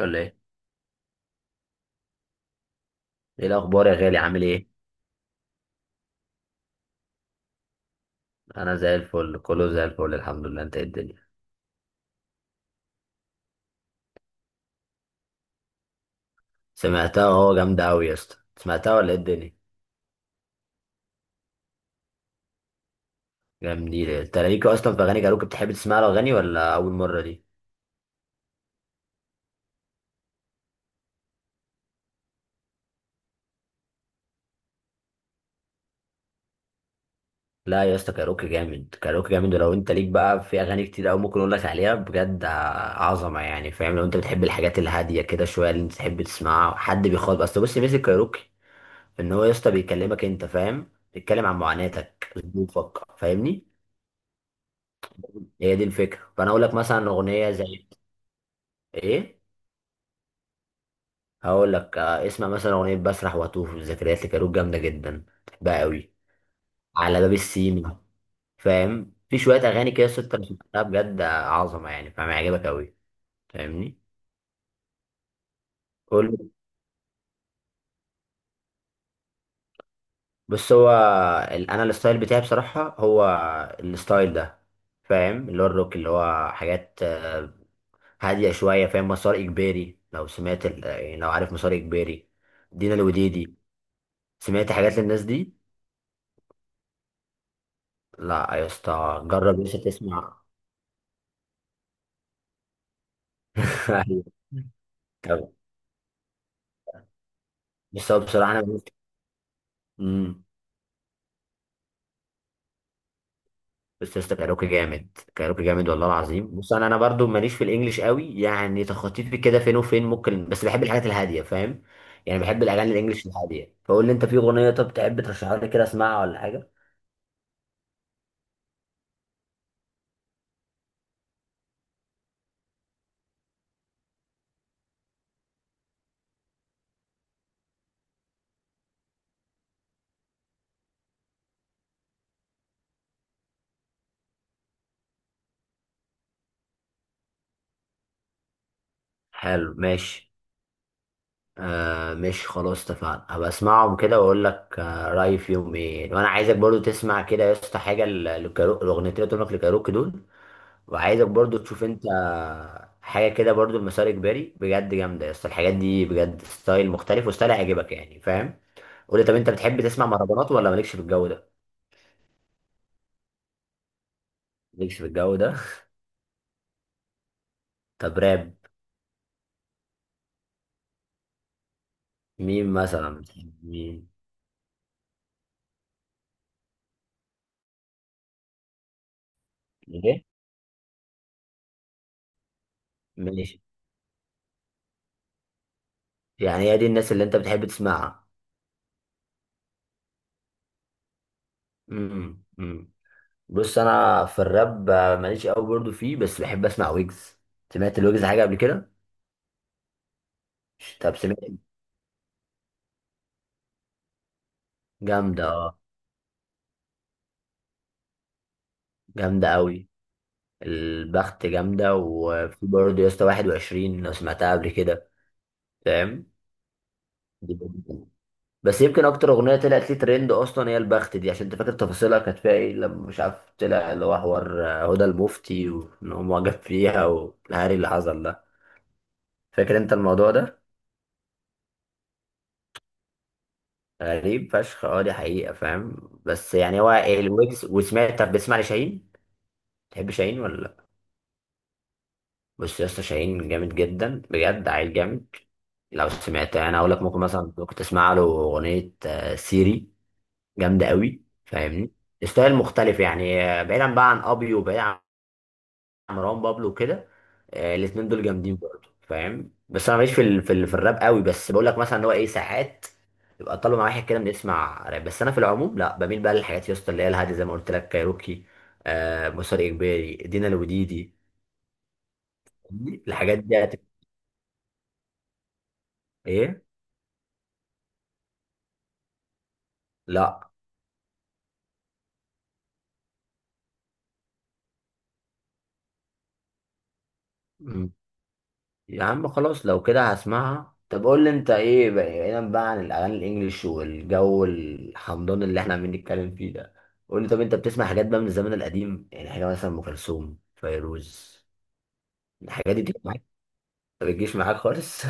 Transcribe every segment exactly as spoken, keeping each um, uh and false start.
ولا ايه؟ ايه الاخبار يا غالي؟ عامل ايه؟ انا زي الفل، كله زي الفل الحمد لله. انت إيه الدنيا؟ سمعتها اهو، جامده قوي يا اسطى. سمعتها ولا ايه الدنيا؟ جامدين. انت ليك اصلا في اغاني كاروكي؟ بتحب تسمع له اغاني ولا اول مره دي؟ لا يا اسطى، كاروكي جامد، كاروكي جامد. ولو انت ليك بقى في اغاني كتير قوي ممكن اقول لك عليها، بجد ع- عظمه يعني. فاهم؟ لو انت بتحب الحاجات الهاديه كده شويه اللي انت تحب تسمعها، حد بيخاطب. اصل بص، ميزه كاروكي ان هو يا اسطى بيكلمك انت، فاهم؟ بيتكلم عن معاناتك، ظروفك. فاهمني؟ هي دي الفكرة. فانا اقول لك مثلا اغنية زي ايه. هقول لك، آه، اسمع مثلا اغنية بسرح واتوه في الذكريات لكاروك، جامدة جدا بحبها قوي. على باب السيما. فاهم؟ في شوية اغاني كده ست، أنا سمعتها بجد عظمة يعني. فاهم؟ هيعجبك قوي. فاهمني؟ قول لي. بص هو، ال- انا الستايل بتاعي بصراحة هو الستايل ده. فاهم؟ اللي هو الروك، اللي هو حاجات آه، هادية شوية. فاهم مسار اجباري؟ لو سمعت ال- يعني لو عارف مسار اجباري، دينا الوديدي، سمعت حاجات للناس دي؟ لا يا اسطى، جرب لسه تسمع. ايوه. طب بس هو بصراحه انا بموت. امم بس يا اسطى، كاروكي جامد، كاروكي جامد والله العظيم. بص، انا انا برضو ماليش في الانجليش قوي، يعني تخطيطي كده فين وفين ممكن. بس بحب الحاجات الهاديه. فاهم؟ يعني بحب الاغاني الانجليش الهاديه. فقول لي انت في اغنيه، طب تحب ترشحها لي كده اسمعها، ولا حاجه. حلو ماشي. آه ماشي، خلاص اتفقنا، هبقى اسمعهم كده واقول لك آه رايي فيهم ايه. وانا عايزك برضو تسمع كده يا اسطى حاجه ل- للكارو- الاغنيتين اللي قلت لك لكاروكي دول. وعايزك برضو تشوف انت حاجه كده برضو، المسار اجباري بجد جامده يا اسطى. الحاجات دي بجد ستايل مختلف وستايل هيعجبك، يعني فاهم. قول لي، طب انت بتحب تسمع مهرجانات ولا مالكش في الجو ده؟ مالكش في الجو ده. طب راب؟ مين مثلا بتحب؟ مين؟ ايه ماشي، يعني هي دي الناس اللي انت بتحب تسمعها. امم امم. بص انا في الراب آه، ماليش قوي برضو فيه، بس بحب اسمع ويجز. سمعت الويجز حاجه قبل كده؟ طب سمعت؟ جامده اه، جامده قوي. البخت جامدة، وفي برضه يا اسطى واحد وعشرين لو سمعتها قبل كده. فاهم؟ دي برضه. بس يمكن أكتر أغنية طلعت لي ترند أصلا هي البخت دي، عشان أنت فاكر تفاصيلها كانت فيها إيه، لما مش عارف طلع اللي هو حوار آه، هدى المفتي وإن هو معجب فيها والهري اللي حصل ده. فاكر أنت الموضوع ده؟ غريب فشخ، أه دي حقيقة. فاهم؟ بس يعني هو الويجز. وسمعت؟ طب بتسمع لشاهين؟ تحب شاهين ولا لأ؟ بص يا اسطى، شاهين جامد جدا، بجد عيل جامد. لو سمعتها، انا اقول لك ممكن مثلا كنت اسمع له اغنيه آه، سيري، جامده قوي. فاهمني؟ ستايل مختلف، يعني آه، بعيدا بقى عن ابي وبعيدا عن مروان بابلو وكده. آه، الاتنين دول جامدين برضه. فاهم؟ بس انا ماليش في ال... في, ال... في الراب قوي، بس بقول لك مثلا ان هو ايه ساعات يبقى طالب مع واحد كده بنسمع راب، بس انا في العموم لا، بميل بقى للحاجات يا اسطى اللي هي الهاديه، زي ما قلت لك، كايروكي، آه، مسار اجباري، دينا الوديدي. الحاجات دي هتبقى ايه. لا يا عم خلاص، لو كده هسمعها. طب قول لي انت ايه بقى بعيدا بقى عن الاغاني الانجليش والجو الحمضان اللي احنا عمالين نتكلم فيه ده. قول لي، طب انت بتسمع حاجات بقى من الزمن القديم؟ يعني حاجه مثلا ام كلثوم، فيروز، الحاجات دي بتيجي معاك؟ ما بتجيش معاك خالص؟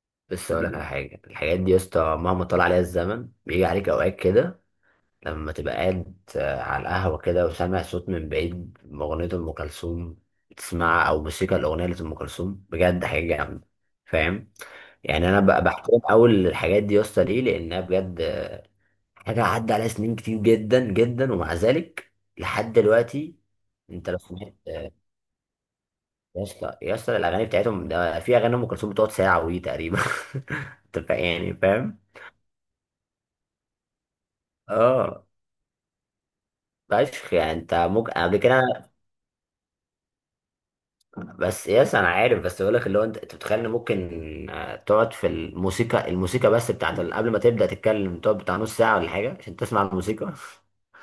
بس اقول لك على حاجه، الحاجات دي يا اسطى مهما طال عليها الزمن بيجي عليك اوقات كده لما تبقى قاعد آه، على القهوة كده وسامع صوت من بعيد أغنية أم كلثوم تسمعها، أو موسيقى الأغنية لأم كلثوم، بجد حاجة جامدة. فاهم؟ يعني أنا بقى بحترم أول الحاجات دي يا اسطى، ليه؟ لأنها بجد آه، حاجة عدى عليها سنين كتير جدا جدا، ومع ذلك لحد دلوقتي. أنت لو سمعت آه، يا اسطى، يا اسطى، الأغاني بتاعتهم ده، في أغاني أم كلثوم بتقعد ساعة ودي تقريبا. أنت فا- يعني فاهم. اه فشخ، يعني انت ممكن قبل كده، بس يس انا عارف. بس بقول لك اللي هو، انت انت بتتخيل ان ممكن آه، تقعد في الموسيقى، الموسيقى بس بتاعت ال- قبل ما تبدا تتكلم تقعد بتاع نص ساعه ولا حاجه عشان تسمع الموسيقى.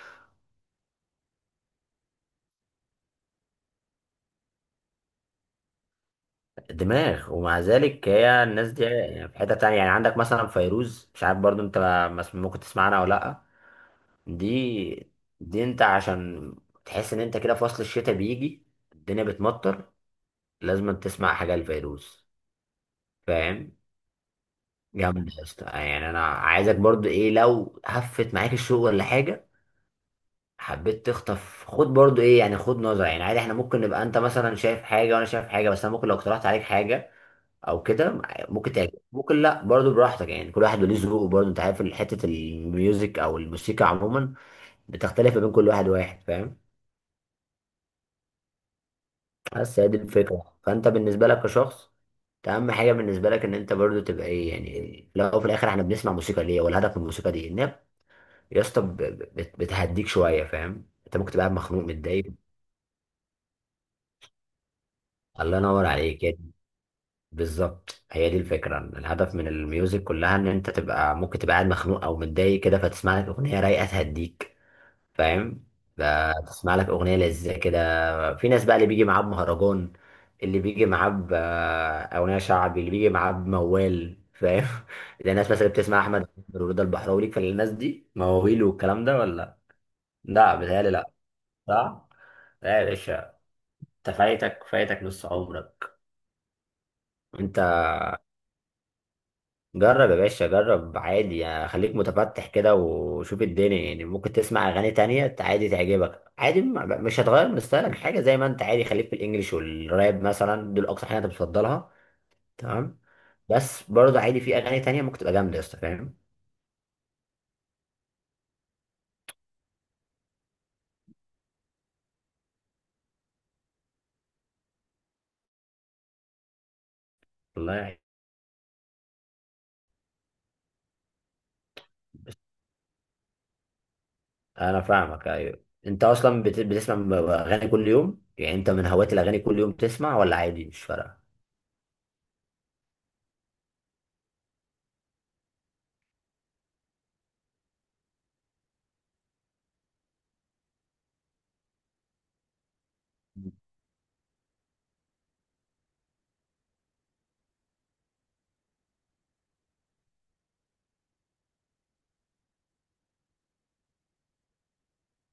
دماغ. ومع ذلك هي الناس دي يعني في حته تانية. يعني عندك مثلا فيروز، مش عارف برضو انت ما- ما- ممكن تسمع عنها ولا لا. دي دي انت عشان تحس ان انت كده في فصل الشتاء بيجي، الدنيا بتمطر، لازم تسمع حاجه لفيروز. فاهم؟ جامد يا اسطى. يعني انا عايزك برضو ايه، لو هفت معاك الشغل ولا حاجه، حبيت تخطف، خد برضو ايه يعني، خد نظرة. يعني عادي احنا ممكن نبقى انت مثلا شايف حاجة وانا شايف حاجة، بس انا ممكن لو اقترحت عليك حاجة او كده ممكن تعجبك، ممكن لا، برضو براحتك. يعني كل واحد وليه ذوقه، برضو انت عارف، حتة الميوزك او الموسيقى عموما بتختلف ما بين كل واحد وواحد. فاهم؟ بس هي دي الفكرة. فانت بالنسبة لك كشخص، انت اهم حاجة بالنسبة لك ان انت برضو تبقى ايه يعني. لو في الاخر احنا بنسمع موسيقى ليه، والهدف من الموسيقى دي ان هي يا اسطى ب- ب- بت- بتهديك شوية. فاهم؟ انت ممكن تبقى قاعد مخنوق متضايق. الله ينور عليك. بالظبط، هي دي الفكرة، الهدف من الميوزك كلها ان انت تبقى، ممكن تبقى قاعد مخنوق او متضايق كده، فتسمع لك اغنية رايقة تهديك. فاهم؟ ب- تسمع لك اغنية لذيذة كده. في ناس بقى اللي بيجي معاه بمهرجان، اللي بيجي معاه ب- اغنية شعبي، اللي بيجي معاه بموال. فاهم؟ زي الناس مثلا اللي بتسمع احمد عامر ورضا البحراوي ليك، فالناس دي مواويل والكلام ده، ولا؟ لا بيتهيألي لا. صح. لا يا باشا، انت فايتك، فايتك نص عمرك انت. جرب يا باشا، جرب عادي، يعني خليك متفتح كده وشوف الدنيا، يعني ممكن تسمع اغاني تانية عادي تعجبك عادي. ما- مش هتغير من ستايلك حاجة، زي ما انت عادي خليك في الانجليش والراب مثلا دول اكتر حاجة انت بتفضلها، تمام. بس برضه عادي، في اغاني تانية ممكن تبقى جامدة يا اسطى. فاهم؟ والله يعني. بس انا فاهمك. ايوه انت اصلا بت- بتسمع م- اغاني كل يوم. يعني انت من هواة الاغاني، كل يوم تسمع ولا عادي مش فارقة؟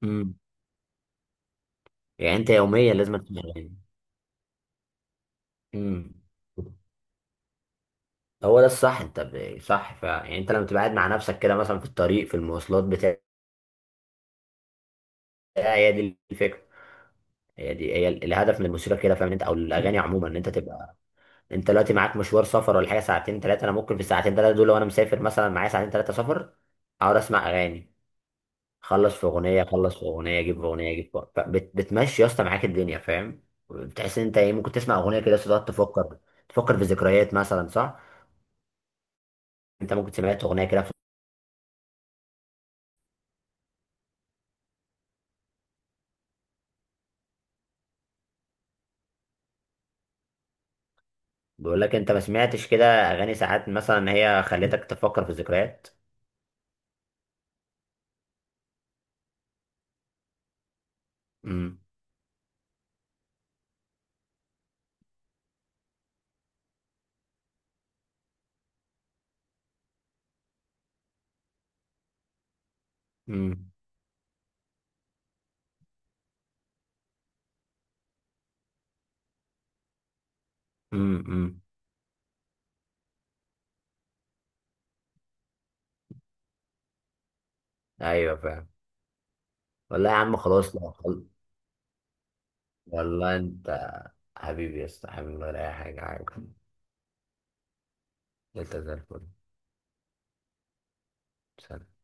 امم. يعني انت يوميا لازم تسمع اغاني. امم. هو ده الصح، انت ب- صح فعلا، يعني انت لما تبقى قاعد مع نفسك كده مثلا في الطريق، في المواصلات بتاع، هي دي الفكره، هي دي هي ال- الهدف من الموسيقى كده. فاهم انت؟ او الاغاني عموما، ان انت تبقى، انت دلوقتي معاك مشوار سفر ولا حاجه ساعتين ثلاثه، انا ممكن في الساعتين ثلاثه دول لو انا مسافر مثلا، معايا ساعتين ثلاثه سفر، اقعد اسمع اغاني، اخلص في اغنيه اخلص في اغنيه اجيب في اغنيه اجيب في، فبت- بتمشي يا اسطى معاك الدنيا. فاهم؟ بتحس ان انت ايه، ممكن تسمع اغنيه كده بس تقعد تفكر، تفكر في ذكريات مثلا، صح؟ انت ممكن سمعت اغنيه كده؟ بقول لك، انت ما سمعتش كده اغاني ساعات مثلا هي خلتك تفكر في الذكريات؟ امم امم امم امم. ايوه فاهم. والله يا عم خلاص، لا خل... والله انت حبيبي يا اسطى، حبيبي ولا اي حاجه عادي. انت زي الفل. سلام.